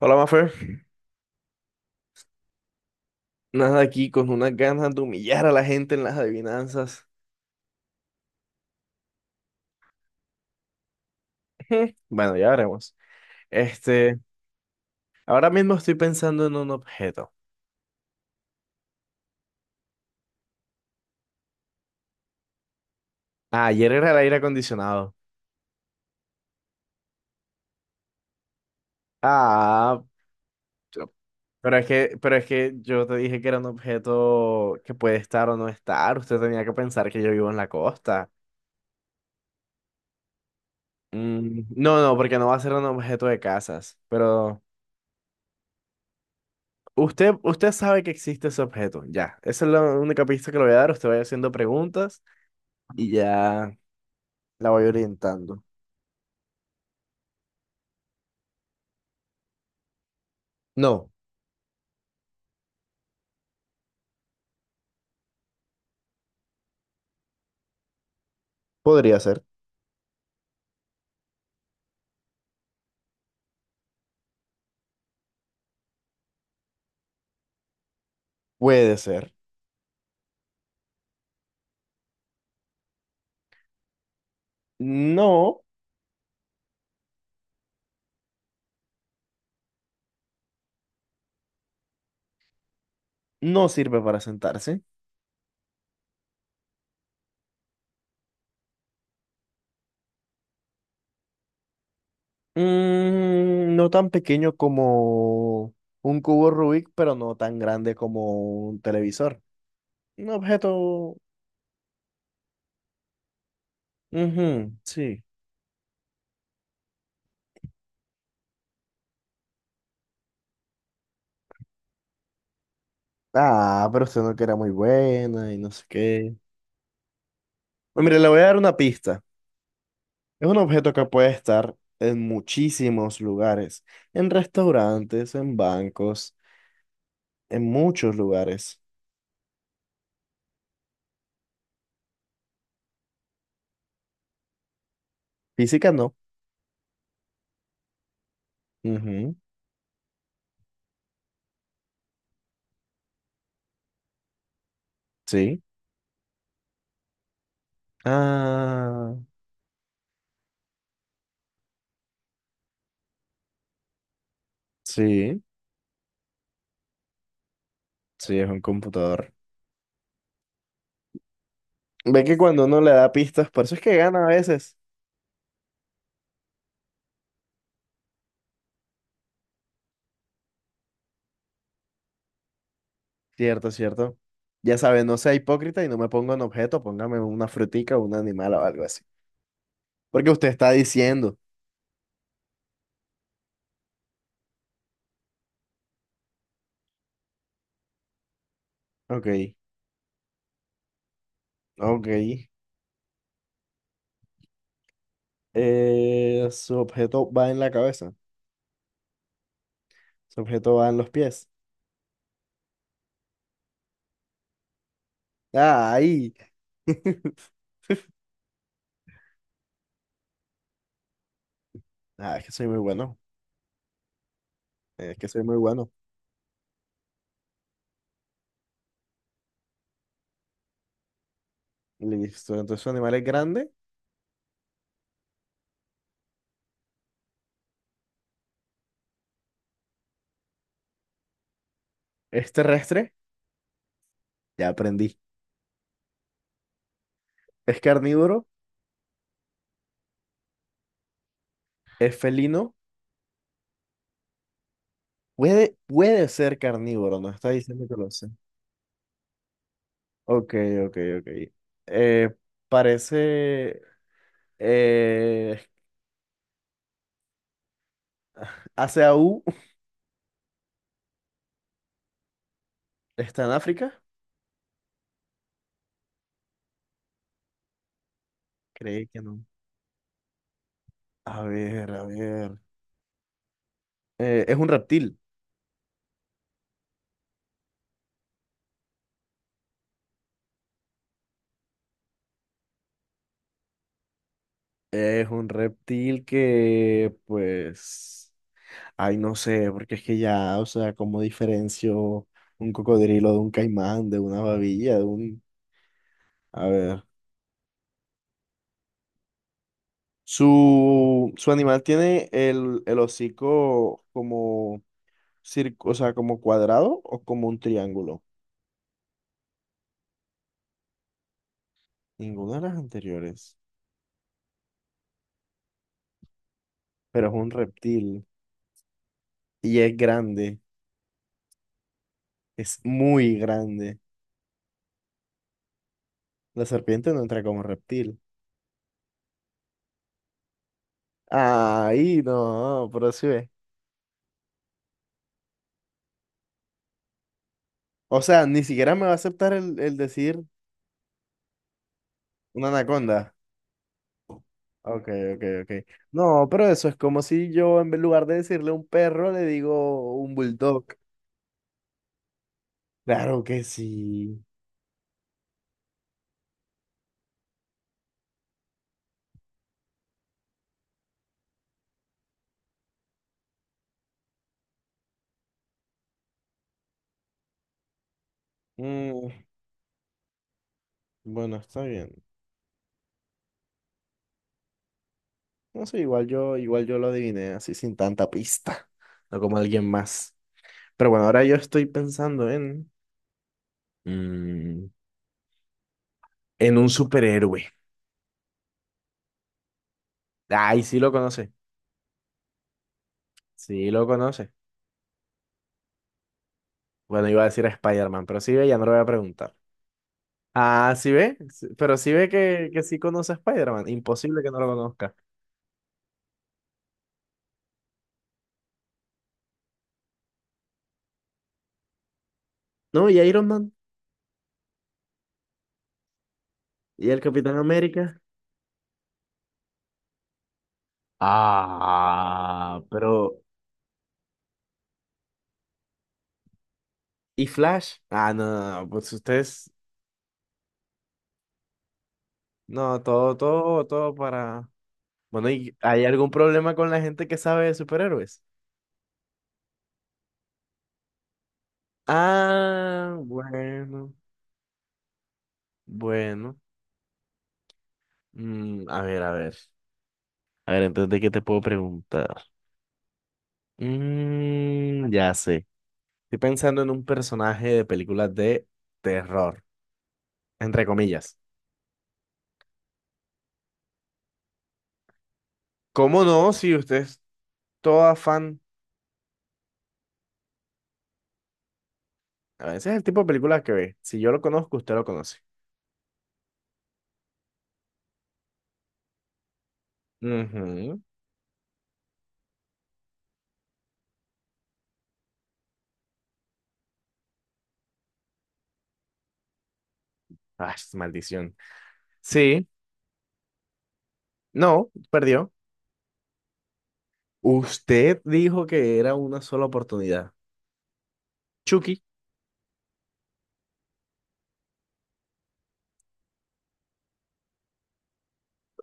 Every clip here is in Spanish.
Hola, Mafer. Nada aquí con unas ganas de humillar a la gente en las adivinanzas. Bueno, ya veremos. Este, ahora mismo estoy pensando en un objeto. Ah, ayer era el aire acondicionado. Ah, yo- pero es que yo te dije que era un objeto que puede estar o no estar. Usted tenía que pensar que yo vivo en la costa. Mm, no, no, porque no va a ser un objeto de casas. Pero usted sabe que existe ese objeto. Ya, esa es la única pista que le voy a dar. Usted vaya haciendo preguntas y ya. La voy orientando. No, podría ser. Puede ser. No, no sirve para sentarse. Mm, no tan pequeño como un cubo Rubik, pero no tan grande como un televisor. Un objeto. Ujú, sí. Ah, pero usted no que era muy buena y no sé qué. Pues mire, le voy a dar una pista. Es un objeto que puede estar en muchísimos lugares. En restaurantes, en bancos, en muchos lugares. Física no. Ujú, sí. Ah, sí, sí, es un computador. Ve que cuando uno le da pistas, por eso es que gana a veces. Cierto, cierto. Ya sabe, no sea hipócrita y no me ponga un objeto, póngame una frutica o un animal o algo así. Porque usted está diciendo. Ok, ok. Su objeto va en la cabeza, su objeto va en los pies. ¡Ay! Ah, es que soy muy bueno, es que soy muy bueno. Listo, entonces su animal es grande, es terrestre, ya aprendí. Es carnívoro, es felino, puede ser carnívoro, no está diciendo que lo sea. Ok, ok, ok. Eh, parece, eh, hace AU, está en África, creí que no. A ver, a ver. Eh, es un reptil, es un reptil que, pues, ay, no sé, porque es que ya, o sea, ¿cómo diferencio un cocodrilo de un caimán, de una babilla, de un... A ver. Su animal tiene el hocico como, o sea, como cuadrado o como un triángulo. Ninguna de las anteriores. Pero es un reptil y es grande. Es muy grande. La serpiente no entra como reptil. Ay, no, pero sí ve. O sea, ni siquiera me va a aceptar el decir una anaconda. Ok, ok, ok. No, pero eso es como si yo en lugar de decirle un perro le digo un bulldog. Claro que sí. Mm, bueno, está bien. No sé, igual yo lo adiviné así sin tanta pista, no como alguien más. Pero bueno, ahora yo estoy pensando en, mm, en un superhéroe. Ay, sí lo conoce, sí lo conoce. Bueno, iba a decir a Spider-Man, pero sí ve, ya no lo voy a preguntar. Ah, sí ve, sí, pero sí ve que sí conoce a Spider-Man. Imposible que no lo conozca. No, y Iron Man, y el Capitán América. Ah, pero... ¿Y Flash? Ah, no, no, no, pues ustedes no, todo, todo, todo para... Bueno, ¿y hay algún problema con la gente que sabe de superhéroes? Ah, bueno, bueno. Mm, a ver, a ver. A ver, entonces, ¿de qué te puedo preguntar? Mm, ya sé. Estoy pensando en un personaje de películas de terror, entre comillas. ¿Cómo no? Si usted es toda fan. A veces es el tipo de películas que ve. Si yo lo conozco, usted lo conoce. Ujú. Ah, maldición. Sí, no, perdió. Usted dijo que era una sola oportunidad. Chucky.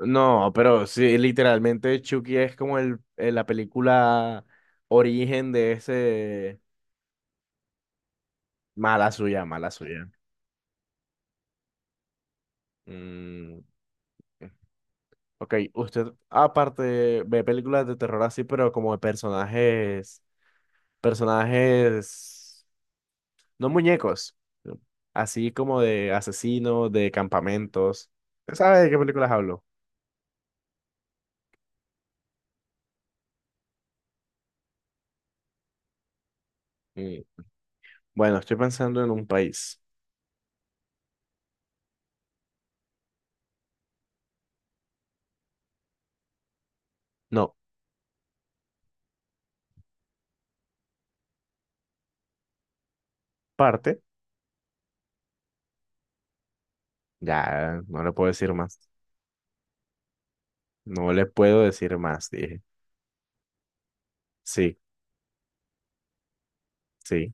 No, pero sí, literalmente Chucky es como el, la película origen de ese... Mala suya, mala suya. Mm, ok, usted aparte ve películas de terror así, pero como de personajes, personajes, no muñecos, así como de asesinos, de campamentos. ¿Sabe de qué películas hablo? Mm, bueno, estoy pensando en un país. No, parte, ya no le puedo decir más. No le puedo decir más, dije. Sí, sí.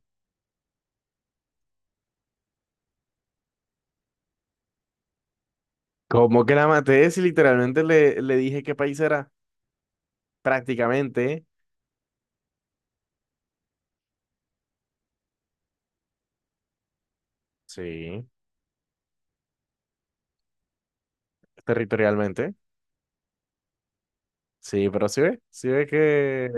¿Cómo que la maté? Si literalmente le, le dije qué país era. Prácticamente. Sí. Territorialmente. Sí, pero sí ve que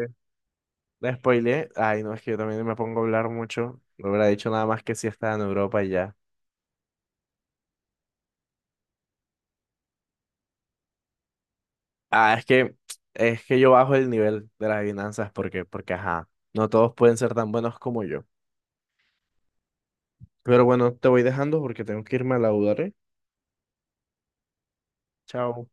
la spoileé. Ay, no, es que yo también me pongo a hablar mucho. No hubiera dicho nada más que si estaba en Europa y ya. Ah, es que yo bajo el nivel de las adivinanzas porque, porque, ajá, no todos pueden ser tan buenos como yo. Pero bueno, te voy dejando porque tengo que irme a laudar, ¿eh? Chao.